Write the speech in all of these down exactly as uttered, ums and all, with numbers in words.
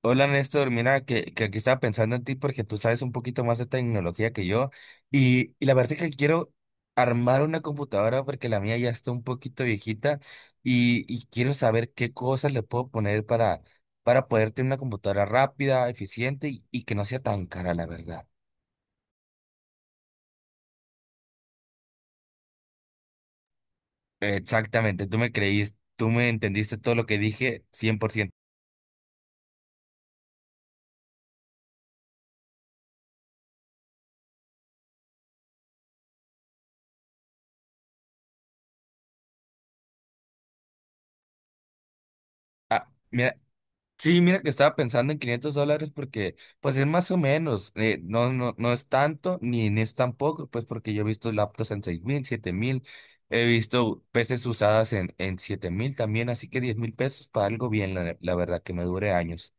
Hola Néstor, mira que, que aquí estaba pensando en ti porque tú sabes un poquito más de tecnología que yo y, y la verdad es que quiero armar una computadora porque la mía ya está un poquito viejita y, y quiero saber qué cosas le puedo poner para, para poder tener una computadora rápida, eficiente y, y que no sea tan cara, la verdad. Exactamente, tú me creíste, tú me entendiste todo lo que dije cien por ciento. Ah, mira, sí, mira que estaba pensando en quinientos dólares porque pues es más o menos, eh, no, no, no es tanto ni, ni es tampoco, pues porque yo he visto laptops en seis mil, siete mil, he visto peces usadas en, en siete mil también, así que diez mil pesos para algo bien, la, la verdad que me dure años.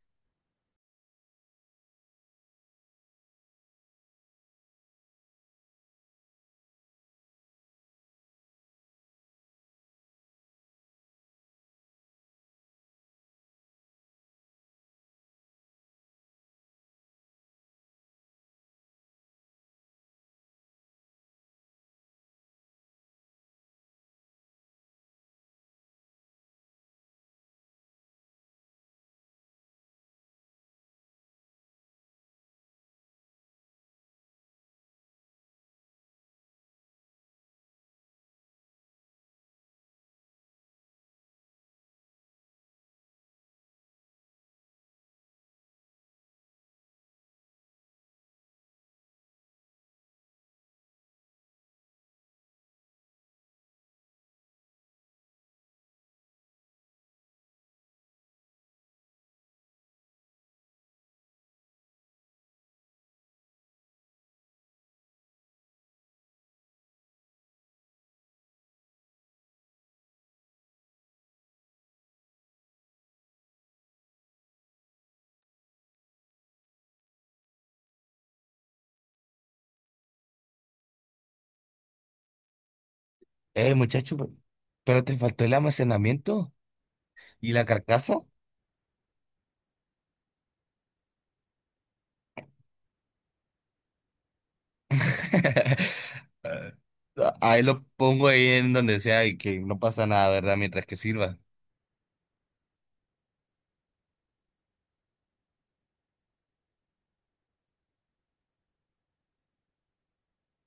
Eh, muchacho, pe- pero te faltó el almacenamiento y la carcasa. Ah, ahí lo pongo ahí en donde sea y que no pasa nada, ¿verdad? Mientras que sirva.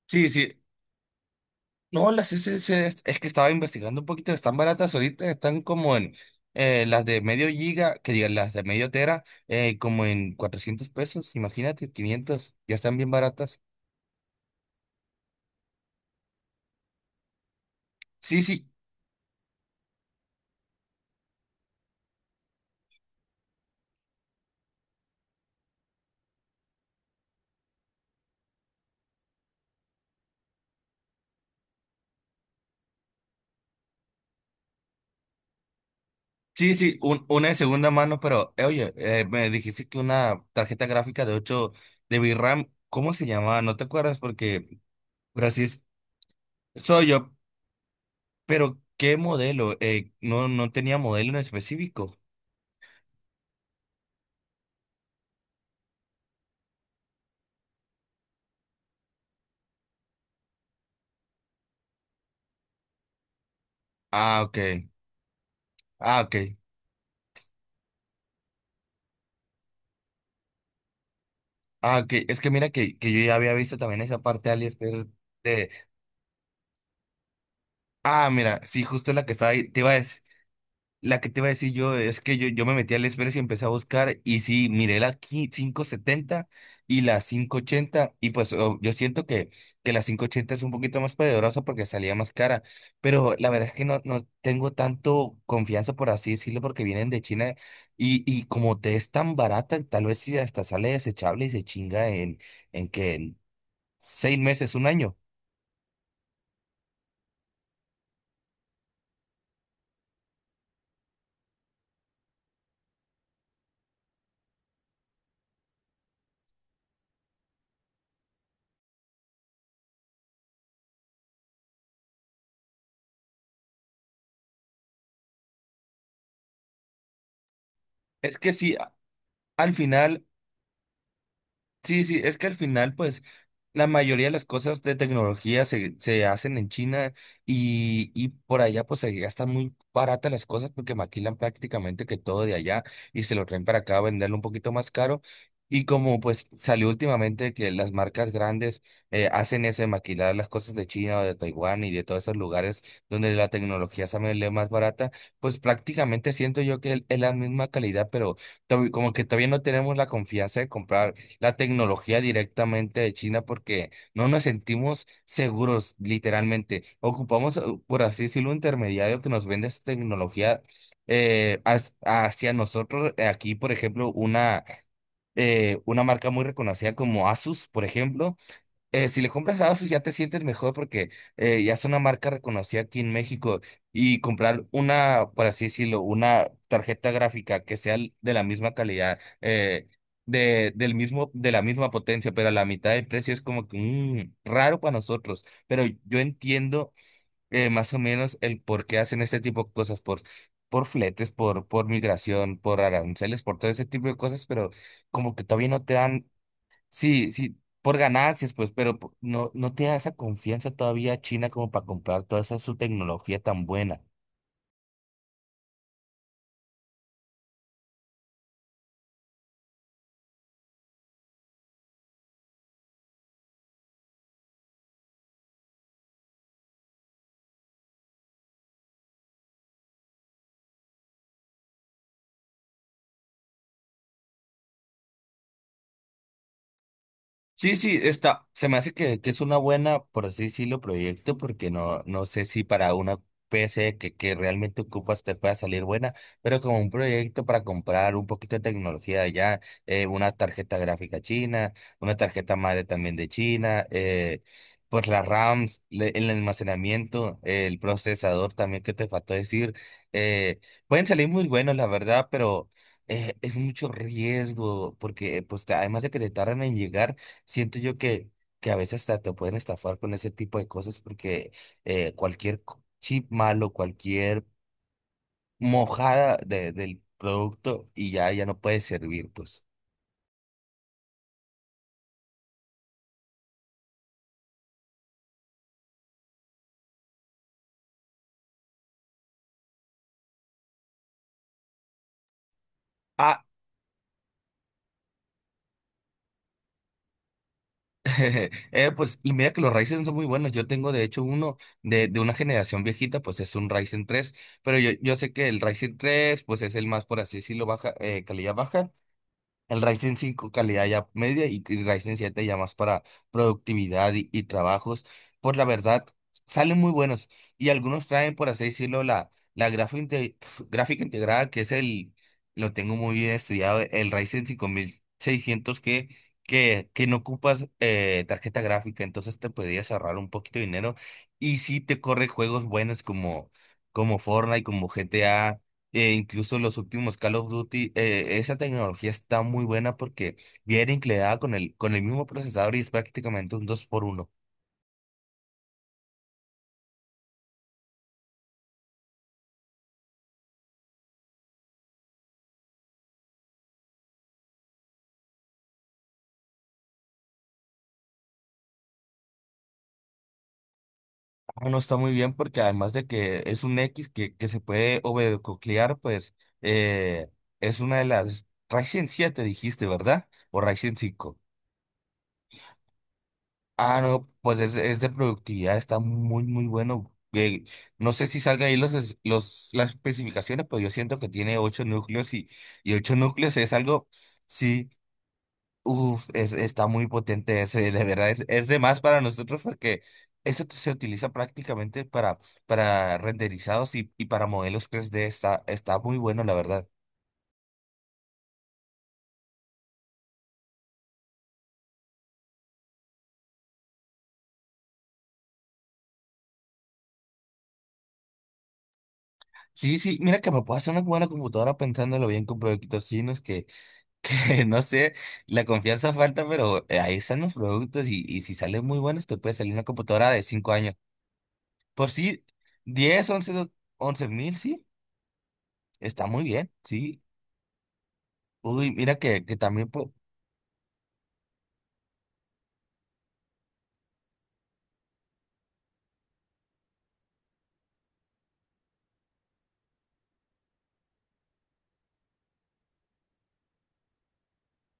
Sí, sí, No, las S S Ds, es es que estaba investigando un poquito, están baratas ahorita, están como en eh, las de medio giga, que digan las de medio tera, eh, como en cuatrocientos pesos, imagínate, quinientos ya están bien baratas. Sí, sí, sí, sí, un- una de segunda mano, pero eh, oye, eh, me dijiste que una tarjeta gráfica de ocho de V RAM, ¿cómo se llamaba? No te acuerdas porque, pero así es, soy yo, pero ¿qué modelo? Eh, no, no tenía modelo en específico. Ah, ok, ah, ok. Ah, que es que mira que, que yo ya había visto también esa parte de AliExpress de... Ah, mira, sí, justo la que estaba ahí, te iba a decir, la que te iba a decir yo es que yo, yo me metí a AliExpress y empecé a buscar y sí, miré la qui- quinientos setenta y la quinientos ochenta y pues oh, yo siento que, que la quinientos ochenta es un poquito más poderosa porque salía más cara, pero la verdad es que no, no tengo tanto confianza por así decirlo porque vienen de China y, y como te es tan barata, tal vez si hasta sale desechable y se chinga en, en que... Seis meses, un año. Es que si a- al final sí, sí, es que al final, pues, la mayoría de las cosas de tecnología se, se hacen en China y, y por allá, pues, se gastan muy baratas las cosas porque maquilan prácticamente que todo de allá y se lo traen para acá a venderlo un poquito más caro. Y como, pues, salió últimamente que las marcas grandes eh, hacen eso de maquilar las cosas de China o de Taiwán y de todos esos lugares donde la tecnología sale más barata, pues, prácticamente siento yo que es la misma calidad, pero to- como que todavía no tenemos la confianza de comprar la tecnología directamente de China porque no nos sentimos seguros, literalmente. Ocupamos, eh, por así decirlo, un intermediario que nos vende esta tecnología eh, has- hacia nosotros. Eh, Aquí, por ejemplo, una, eh, una marca muy reconocida como Asus, por ejemplo, eh, si le compras a ASUS ya te sientes mejor porque eh, ya es una marca reconocida aquí en México y comprar una, por así decirlo, una tarjeta gráfica que sea l- de la misma calidad, eh, de, del mismo, de la misma potencia, pero a la mitad del precio es como que mm, raro para nosotros. Pero yo entiendo eh, más o menos el por qué hacen este tipo de cosas, por, por fletes, por, por migración, por aranceles, por todo ese tipo de cosas, pero como que todavía no te dan sí, sí, por ganancias, pues, pero po- no, no te da esa confianza todavía China como para comprar toda esa su tecnología tan buena. Sí, sí, está. Se me hace que, que es una buena, por así decirlo, proyecto, porque no, no sé si para una P C que, que realmente ocupas te pueda salir buena, pero como un proyecto para comprar un poquito de tecnología de allá, eh, una tarjeta gráfica china, una tarjeta madre también de China, eh, pues las RAMs, le- el almacenamiento, eh, el procesador también que te faltó decir, eh, pueden salir muy buenos, la verdad, pero eh, es mucho riesgo, porque pues te- además de que te tardan en llegar, siento yo que, que a veces hasta te pueden estafar con ese tipo de cosas porque eh, cualquier co- chip malo, cualquier mojada de- del producto y ya, ya no puede servir, pues. Ah, eh, pues, y mira que los Ryzen son muy buenos. Yo tengo, de hecho, uno de, de una generación viejita, pues es un Ryzen tres, pero yo, yo sé que el Ryzen tres pues es el más, por así decirlo, baja, eh, calidad baja. El Ryzen cinco calidad ya media y el Ryzen siete ya más para productividad y, y trabajos. Por la verdad, salen muy buenos. Y algunos traen, por así decirlo, la, la grafo inte- pf, gráfica integrada, que es el, lo tengo muy bien estudiado, el Ryzen cinco mil seiscientos que, que, que no ocupas eh, tarjeta gráfica. Entonces te podrías ahorrar un poquito de dinero. Y sí te corre juegos buenos como, como Fortnite, como G T A. Eh, incluso los últimos Call of Duty, eh, esa tecnología está muy buena porque viene incluida con el, con el mismo procesador y es prácticamente un dos por uno. Ah, no está muy bien porque además de que es un X que, que se puede overclockear, pues eh, es una de las Ryzen siete dijiste, ¿verdad? O Ryzen cinco. Ah, no, pues es, es de productividad, está muy, muy bueno. Eh, no sé si salga ahí los, es- los, las especificaciones, pero yo siento que tiene ocho núcleos y, y ocho núcleos es algo... Sí, uf, es, está muy potente ese, de verdad, es, es de más para nosotros porque eso se utiliza prácticamente para, para renderizados y, y para modelos tres d está, está muy bueno, la verdad. Sí, sí, mira que me puedo hacer una buena computadora pensándolo bien con productos chinos que, no sé, la confianza falta, pero eh, ahí están los productos y, y si salen muy buenos te puede salir una computadora de cinco años. Por sí, diez once do- 11 mil, sí, está muy bien, sí. Uy, mira que, que también... po-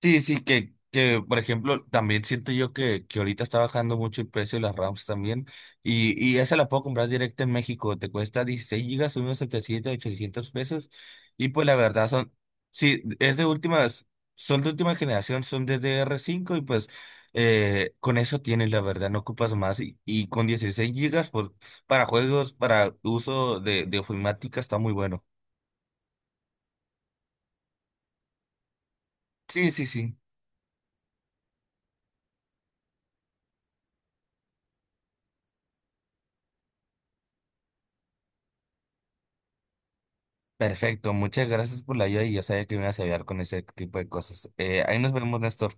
Sí, sí, que, que por ejemplo, también siento yo que, que ahorita está bajando mucho el precio de las RAMs también. Y, y esa la puedo comprar directa en México. Te cuesta dieciséis gigas, unos setecientos ochocientos pesos. Y pues la verdad son, sí, es de últimas, son de última generación, son de D R cinco y pues eh, con eso tienes, la verdad, no ocupas más. Y, y con dieciséis gigas, pues para juegos, para uso de, de ofimática está muy bueno. Sí, sí, sí. Perfecto, muchas gracias por la ayuda y ya sabía que me ibas a ayudar con ese tipo de cosas. Eh, ahí nos vemos, Néstor.